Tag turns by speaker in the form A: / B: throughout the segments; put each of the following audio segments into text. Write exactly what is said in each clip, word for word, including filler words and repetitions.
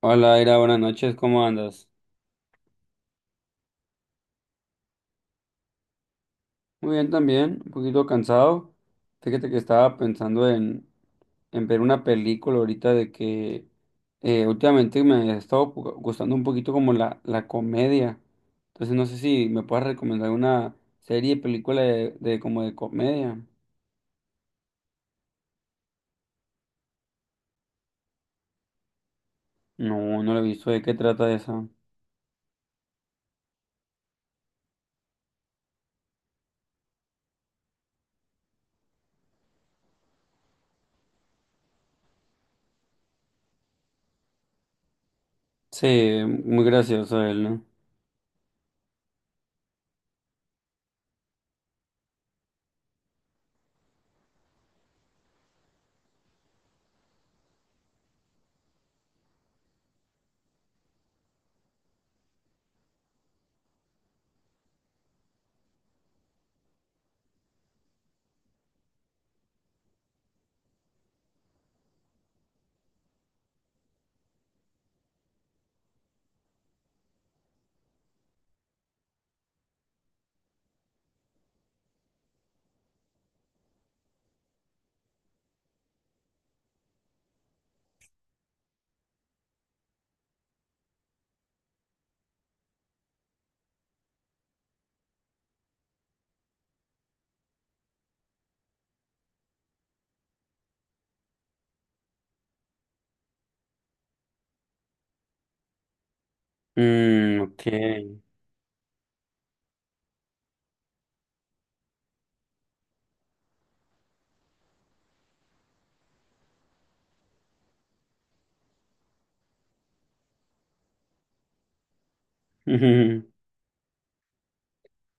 A: Hola, Ira, buenas noches, ¿cómo andas? Muy bien también, un poquito cansado. Fíjate que estaba pensando en, en ver una película ahorita de que eh, últimamente me ha estado pu- gustando un poquito como la, la comedia. Entonces no sé si me puedes recomendar una serie, película de, de como de comedia. No, no la he visto, ¿de qué trata esa? Sí, muy gracioso él, ¿no? Mm, ok.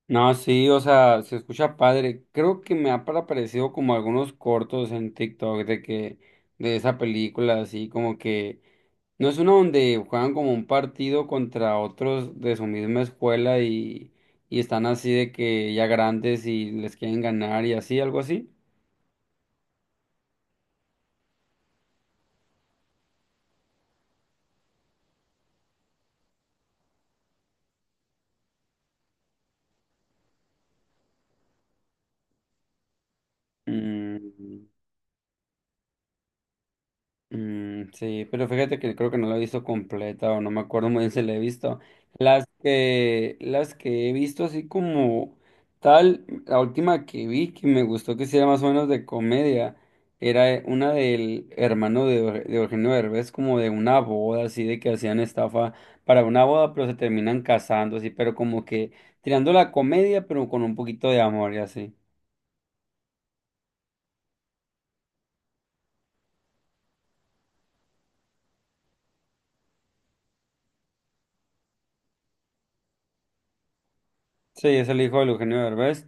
A: No, sí, o sea, se escucha padre. Creo que me ha par- aparecido como algunos cortos en TikTok de que, de esa película, así como que, no es una donde juegan como un partido contra otros de su misma escuela y, y están así de que ya grandes y les quieren ganar y así, algo así. Mm. Mm, sí, pero fíjate que creo que no la he visto completa o no me acuerdo muy bien si la he visto. Las que, las que he visto así como tal, la última que vi que me gustó que hiciera más o menos de comedia, era eh, una del hermano de, Eug- de Eugenio Derbez, como de una boda, así de que hacían estafa para una boda, pero se terminan casando, así, pero como que tirando la comedia, pero con un poquito de amor y así. Sí, es el hijo de Eugenio Derbez.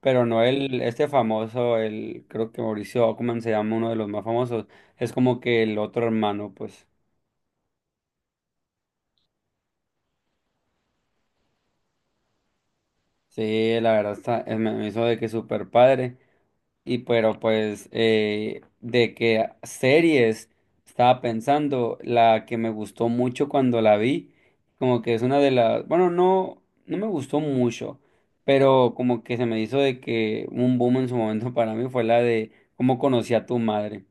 A: Pero no el, este famoso, el, creo que Mauricio Ockman se llama uno de los más famosos. Es como que el otro hermano, pues. Sí, la verdad está, eh, me me hizo de que súper padre. Y pero pues, eh, de que series estaba pensando, la que me gustó mucho cuando la vi, como que es una de las, bueno, no, no me gustó mucho, pero como que se me hizo de que un boom en su momento para mí fue la de cómo conocí a tu madre.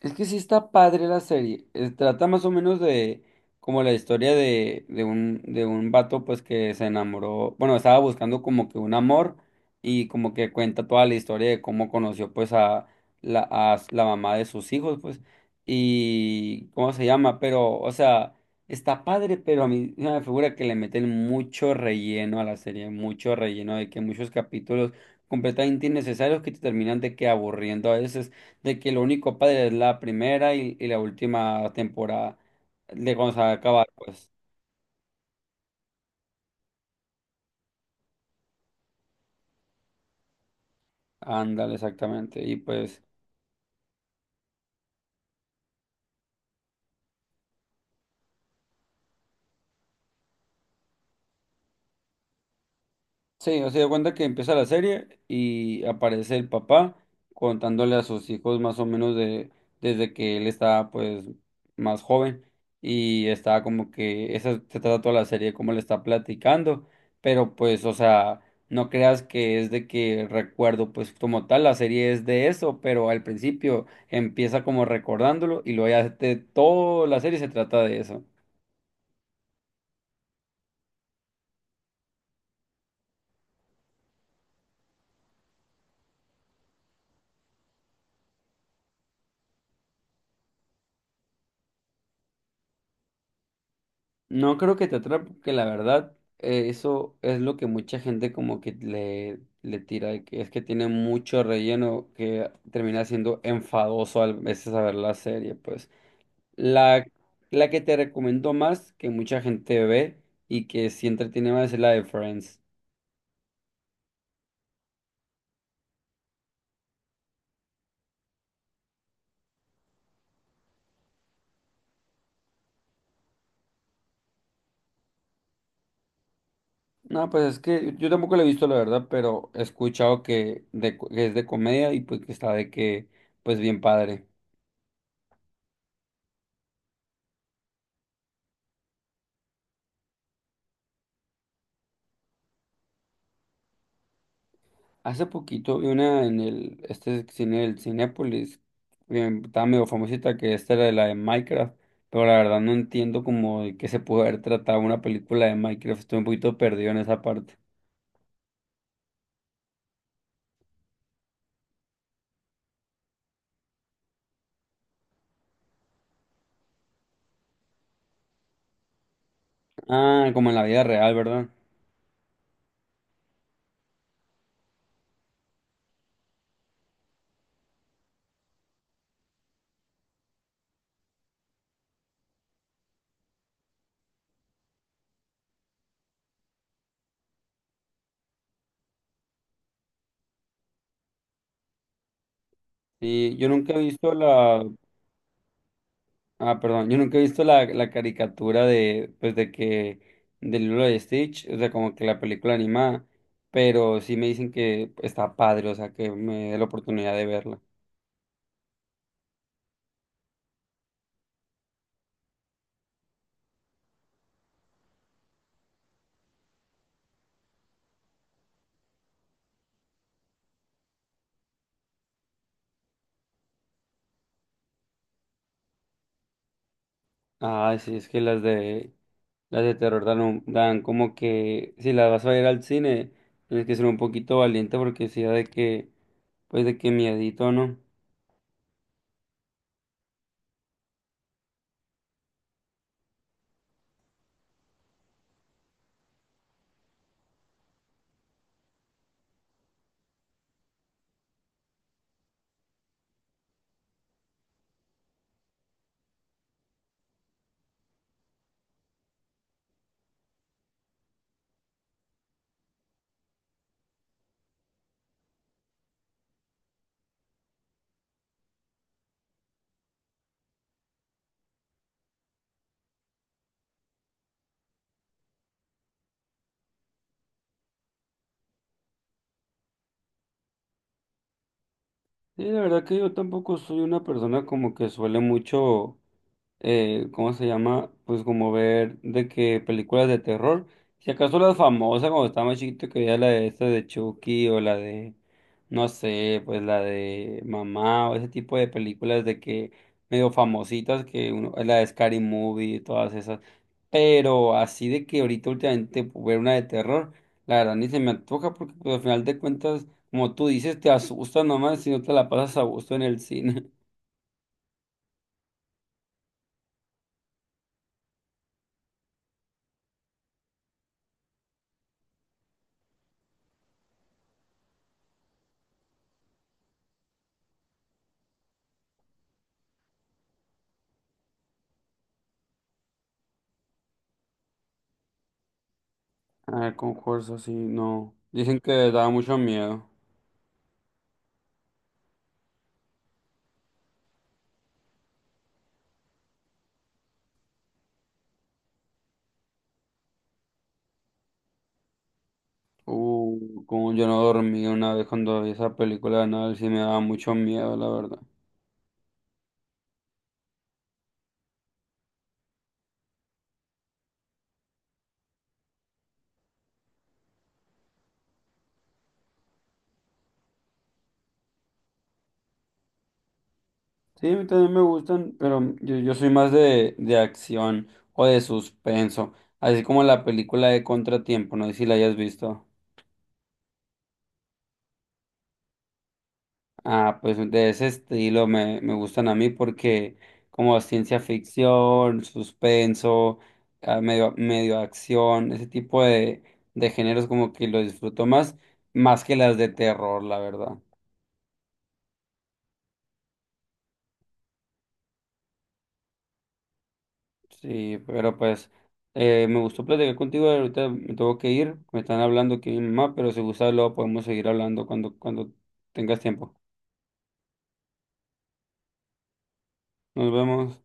A: Es que sí está padre la serie. Eh, Trata más o menos de como la historia de, de un, de un vato pues que se enamoró, bueno, estaba buscando como que un amor y como que cuenta toda la historia de cómo conoció pues a la, a s- la mamá de sus hijos pues y cómo se llama, pero o sea, está padre, pero a mí se me figura que le meten mucho relleno a la serie, mucho relleno de que muchos capítulos completamente innecesarios que te terminan de que aburriendo a veces de que lo único padre es la primera y, y la última temporada de cuando se acaba pues. Ándale, exactamente. Y pues. Sí, o sea, de cuenta que empieza la serie y aparece el papá contándole a sus hijos más o menos de desde que él estaba pues más joven y está como que esa se trata toda la serie como le está platicando, pero pues o sea, no creas que es de que recuerdo pues como tal la serie es de eso, pero al principio empieza como recordándolo y luego ya te- toda la serie se trata de eso. No creo que te atrape, porque la verdad, eh, eso es lo que mucha gente como que le, le tira, de que es que tiene mucho relleno que termina siendo enfadoso a veces a ver la serie, pues. La, la que te recomiendo más, que mucha gente ve y que sí entretiene más es la de Friends. No, pues es que yo tampoco la he visto, la verdad, pero he escuchado que, de, que es de comedia y pues que está de que, pues bien padre. Hace poquito vi una en el, este cine, el Cinépolis, que estaba medio famosita, que esta era de la de Minecraft, pero la verdad no entiendo como de qué se puede haber tratado una película de Minecraft, estoy un poquito perdido en esa parte. Ah, como en la vida real, ¿verdad? Sí, yo nunca he visto la, ah, perdón, yo nunca he visto la, la caricatura de, pues de que, del libro de Stitch, o sea, como que la película animada, pero sí me dicen que está padre, o sea, que me dé la oportunidad de verla. Ah, sí, es que las de las de terror dan, un- dan como que si las vas a ir al cine, tienes que ser un poquito valiente porque sea de que, pues de que miedito, ¿no? Sí, la verdad que yo tampoco soy una persona como que suele mucho, eh, ¿cómo se llama? Pues como ver de que películas de terror, si acaso las famosas cuando estaba más chiquito que veía la de esta de Chucky o la de, no sé, pues la de Mamá o ese tipo de películas de que medio famositas que uno, la de Scary Movie y todas esas, pero así de que ahorita últimamente pues, ver una de terror, la verdad ni se me antoja porque pues, al final de cuentas como tú dices, te asusta nomás si no te la pasas a gusto en el cine. Ah, con fuerza, sí, no. Dicen que daba mucho miedo. Uh, como yo no dormí una vez cuando vi esa película de Anabel, sí me daba mucho miedo, la verdad. Sí, a mí también me gustan, pero yo, yo soy más de, de acción o de suspenso. Así como la película de Contratiempo, no sé si la hayas visto. Ah, pues de ese estilo me, me gustan a mí porque como ciencia ficción, suspenso, ah, medio, medio acción, ese tipo de, de géneros como que lo disfruto más, más que las de terror, la verdad. Sí, pero pues eh, me gustó platicar contigo, ahorita me tengo que ir, me están hablando aquí mi mamá, pero si gusta luego podemos seguir hablando cuando, cuando tengas tiempo. Nos vemos.